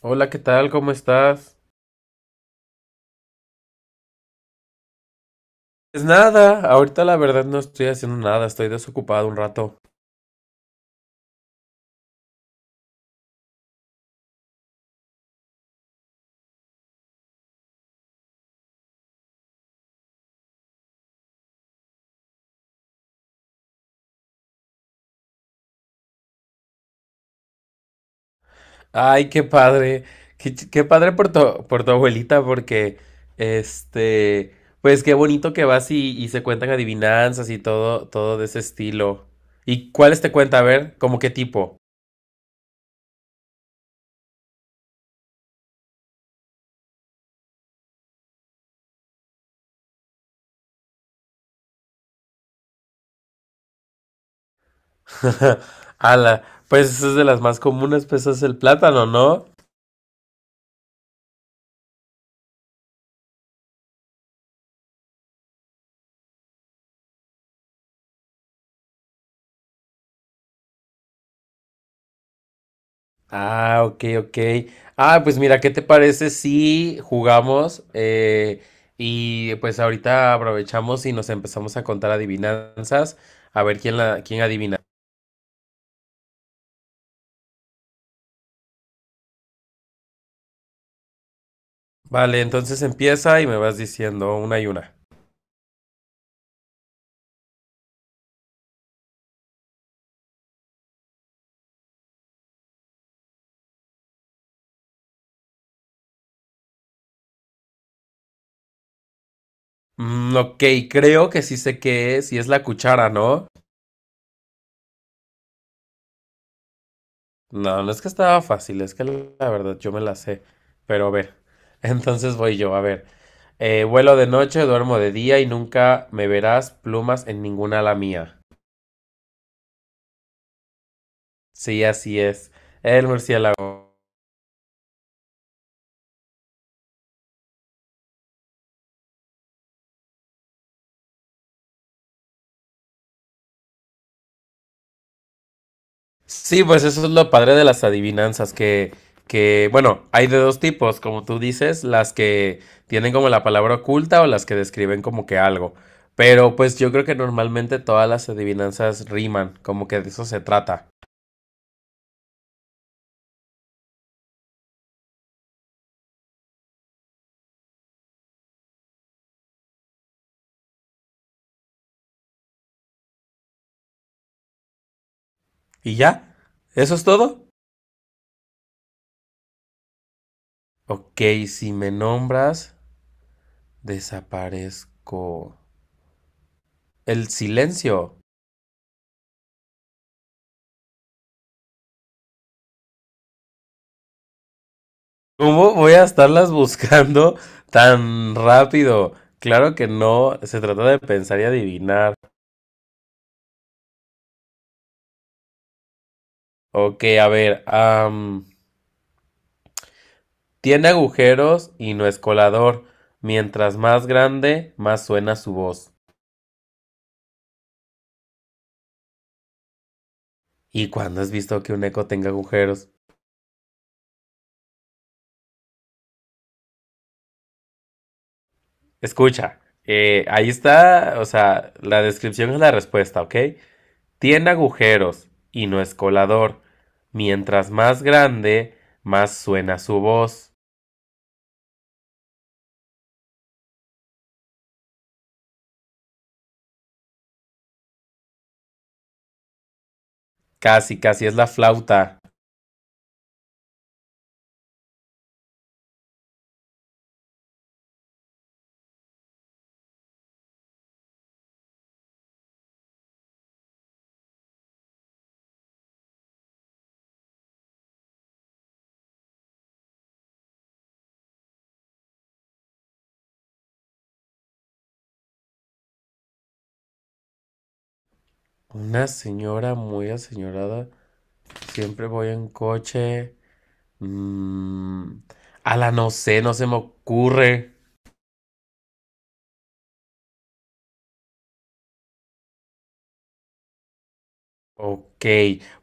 Hola, ¿qué tal? ¿Cómo estás? Pues nada, ahorita la verdad no estoy haciendo nada, estoy desocupado un rato. Ay, qué padre, qué padre por por tu abuelita, porque, este, pues qué bonito que vas y se cuentan adivinanzas y todo de ese estilo. ¿Y cuáles te cuenta? A ver, ¿cómo qué tipo? Ala, pues es de las más comunes, pues es el plátano, ¿no? Ah, ok, ok. Ah, pues mira, ¿qué te parece si jugamos y pues ahorita aprovechamos y nos empezamos a contar adivinanzas, a ver quién adivina. Vale, entonces empieza y me vas diciendo una y una. Mm, ok, creo que sí sé qué es y es la cuchara, ¿no? No, no es que estaba fácil, es que la verdad yo me la sé. Pero a ver, entonces voy yo, a ver. Vuelo de noche, duermo de día y nunca me verás plumas en ninguna ala mía. Sí, así es. El murciélago. Sí, pues eso es lo padre de las adivinanzas, que bueno, hay de dos tipos, como tú dices, las que tienen como la palabra oculta o las que describen como que algo. Pero pues yo creo que normalmente todas las adivinanzas riman, como que de eso se trata. ¿Y ya? ¿Eso es todo? Ok, si me nombras, desaparezco. El silencio. ¿Cómo voy a estarlas buscando tan rápido? Claro que no, se trata de pensar y adivinar. Ok, a ver, tiene agujeros y no es colador. Mientras más grande, más suena su voz. ¿Y cuándo has visto que un eco tenga agujeros? Escucha, ahí está, o sea, la descripción es la respuesta, ¿ok? Tiene agujeros y no es colador. Mientras más grande, más suena su voz. Casi, casi es la flauta. Una señora muy aseñorada. Siempre voy en coche. Mm, a la no sé, no se me ocurre. Ok,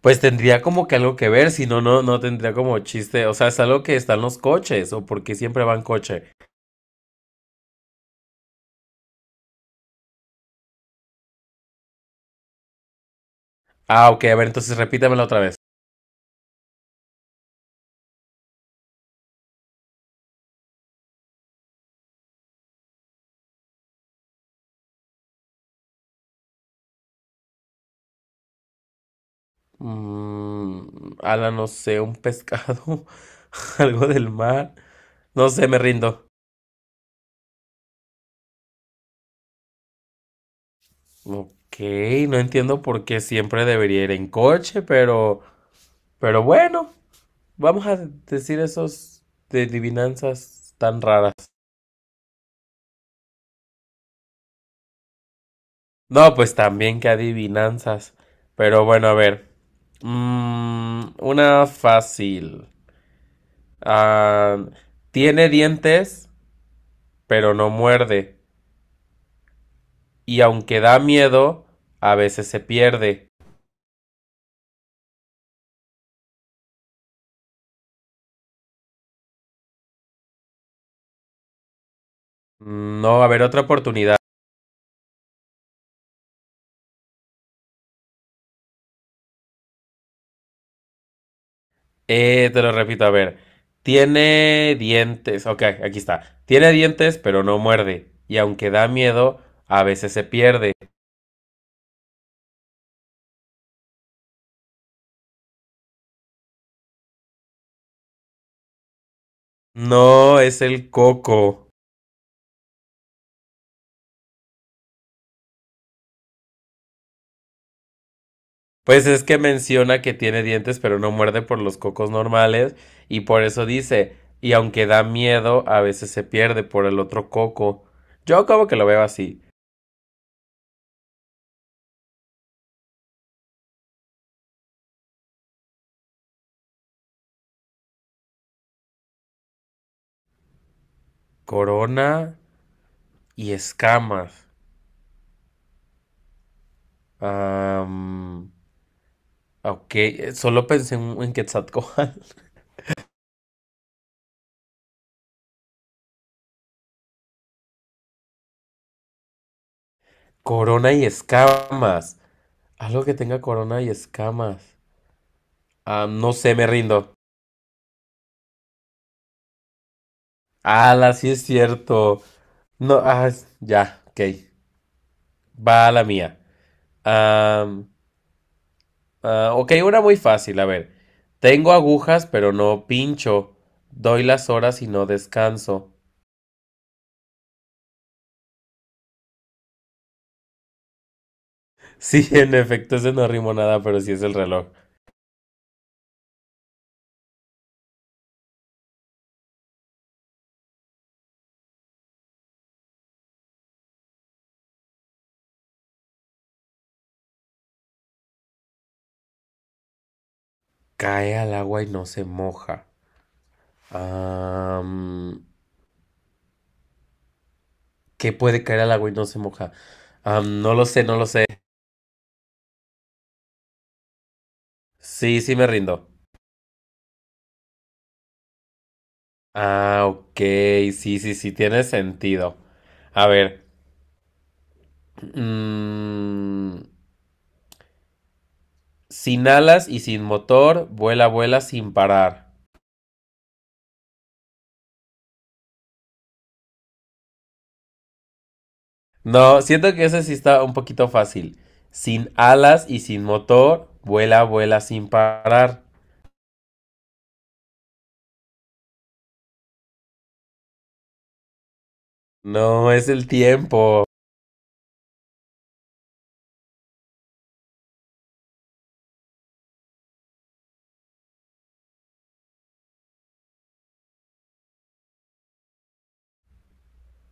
pues tendría como que algo que ver, si no, no tendría como chiste. O sea, es algo que está en los coches, o porque siempre va en coche. Ah, ok, a ver, entonces repítamelo otra vez. Mm, a la no sé, un pescado, algo del mar. No sé, me rindo. Ok, no entiendo por qué siempre debería ir en coche, pero bueno, vamos a decir esos de adivinanzas tan raras. No, pues también que adivinanzas. Pero bueno, a ver. Mm, una fácil. Ah, tiene dientes, pero no muerde. Y aunque da miedo, a veces se pierde. Mm, no, a ver, otra oportunidad. Te lo repito, a ver. Tiene dientes. Ok, aquí está. Tiene dientes, pero no muerde. Y aunque da miedo, a veces se pierde. No, es el coco. Pues es que menciona que tiene dientes, pero no muerde por los cocos normales. Y por eso dice, y aunque da miedo, a veces se pierde por el otro coco. Yo como que lo veo así. Corona y escamas. Am, ok, solo pensé en Quetzalcóatl. Corona y escamas. Algo que tenga corona y escamas. Ah, no sé, me rindo. Ala, sí es cierto. No, ah, es- ya, ok. Va a la mía. Am, ah, ok, una muy fácil, a ver. Tengo agujas, pero no pincho. Doy las horas y no descanso. Sí, en efecto, ese no rimo nada, pero sí es el reloj. Cae al agua y no se moja. Am, ¿qué puede caer al agua y no se moja? Am, no lo sé, no lo sé. Sí, sí me rindo. Ah, ok, sí, sí, sí, tiene sentido. A ver, mm, sin alas y sin motor, vuela, vuela sin parar. No, siento que ese sí está un poquito fácil. Sin alas y sin motor, vuela, vuela sin parar. No, es el tiempo.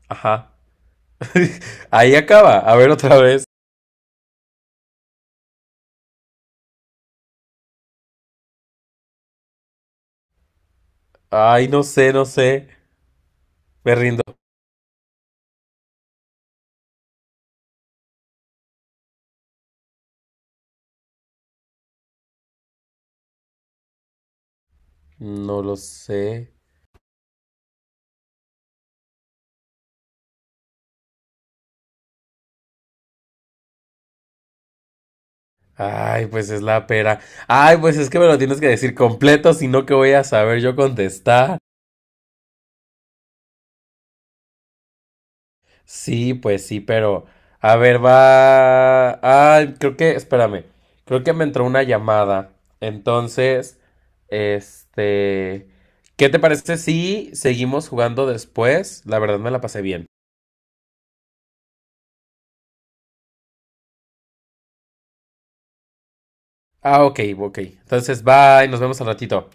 Ajá. Ahí acaba. A ver otra vez. Ay, no sé, no sé. Me rindo. No lo sé. Ay, pues es la pera. Ay, pues es que me lo tienes que decir completo, si no, que voy a saber yo contestar? Sí, pues sí, pero. A ver, va. Ay, creo que. Espérame. Creo que me entró una llamada. Entonces, este. ¿Qué te parece si seguimos jugando después? La verdad me la pasé bien. Ah, ok, ok. Entonces, bye, nos vemos al ratito.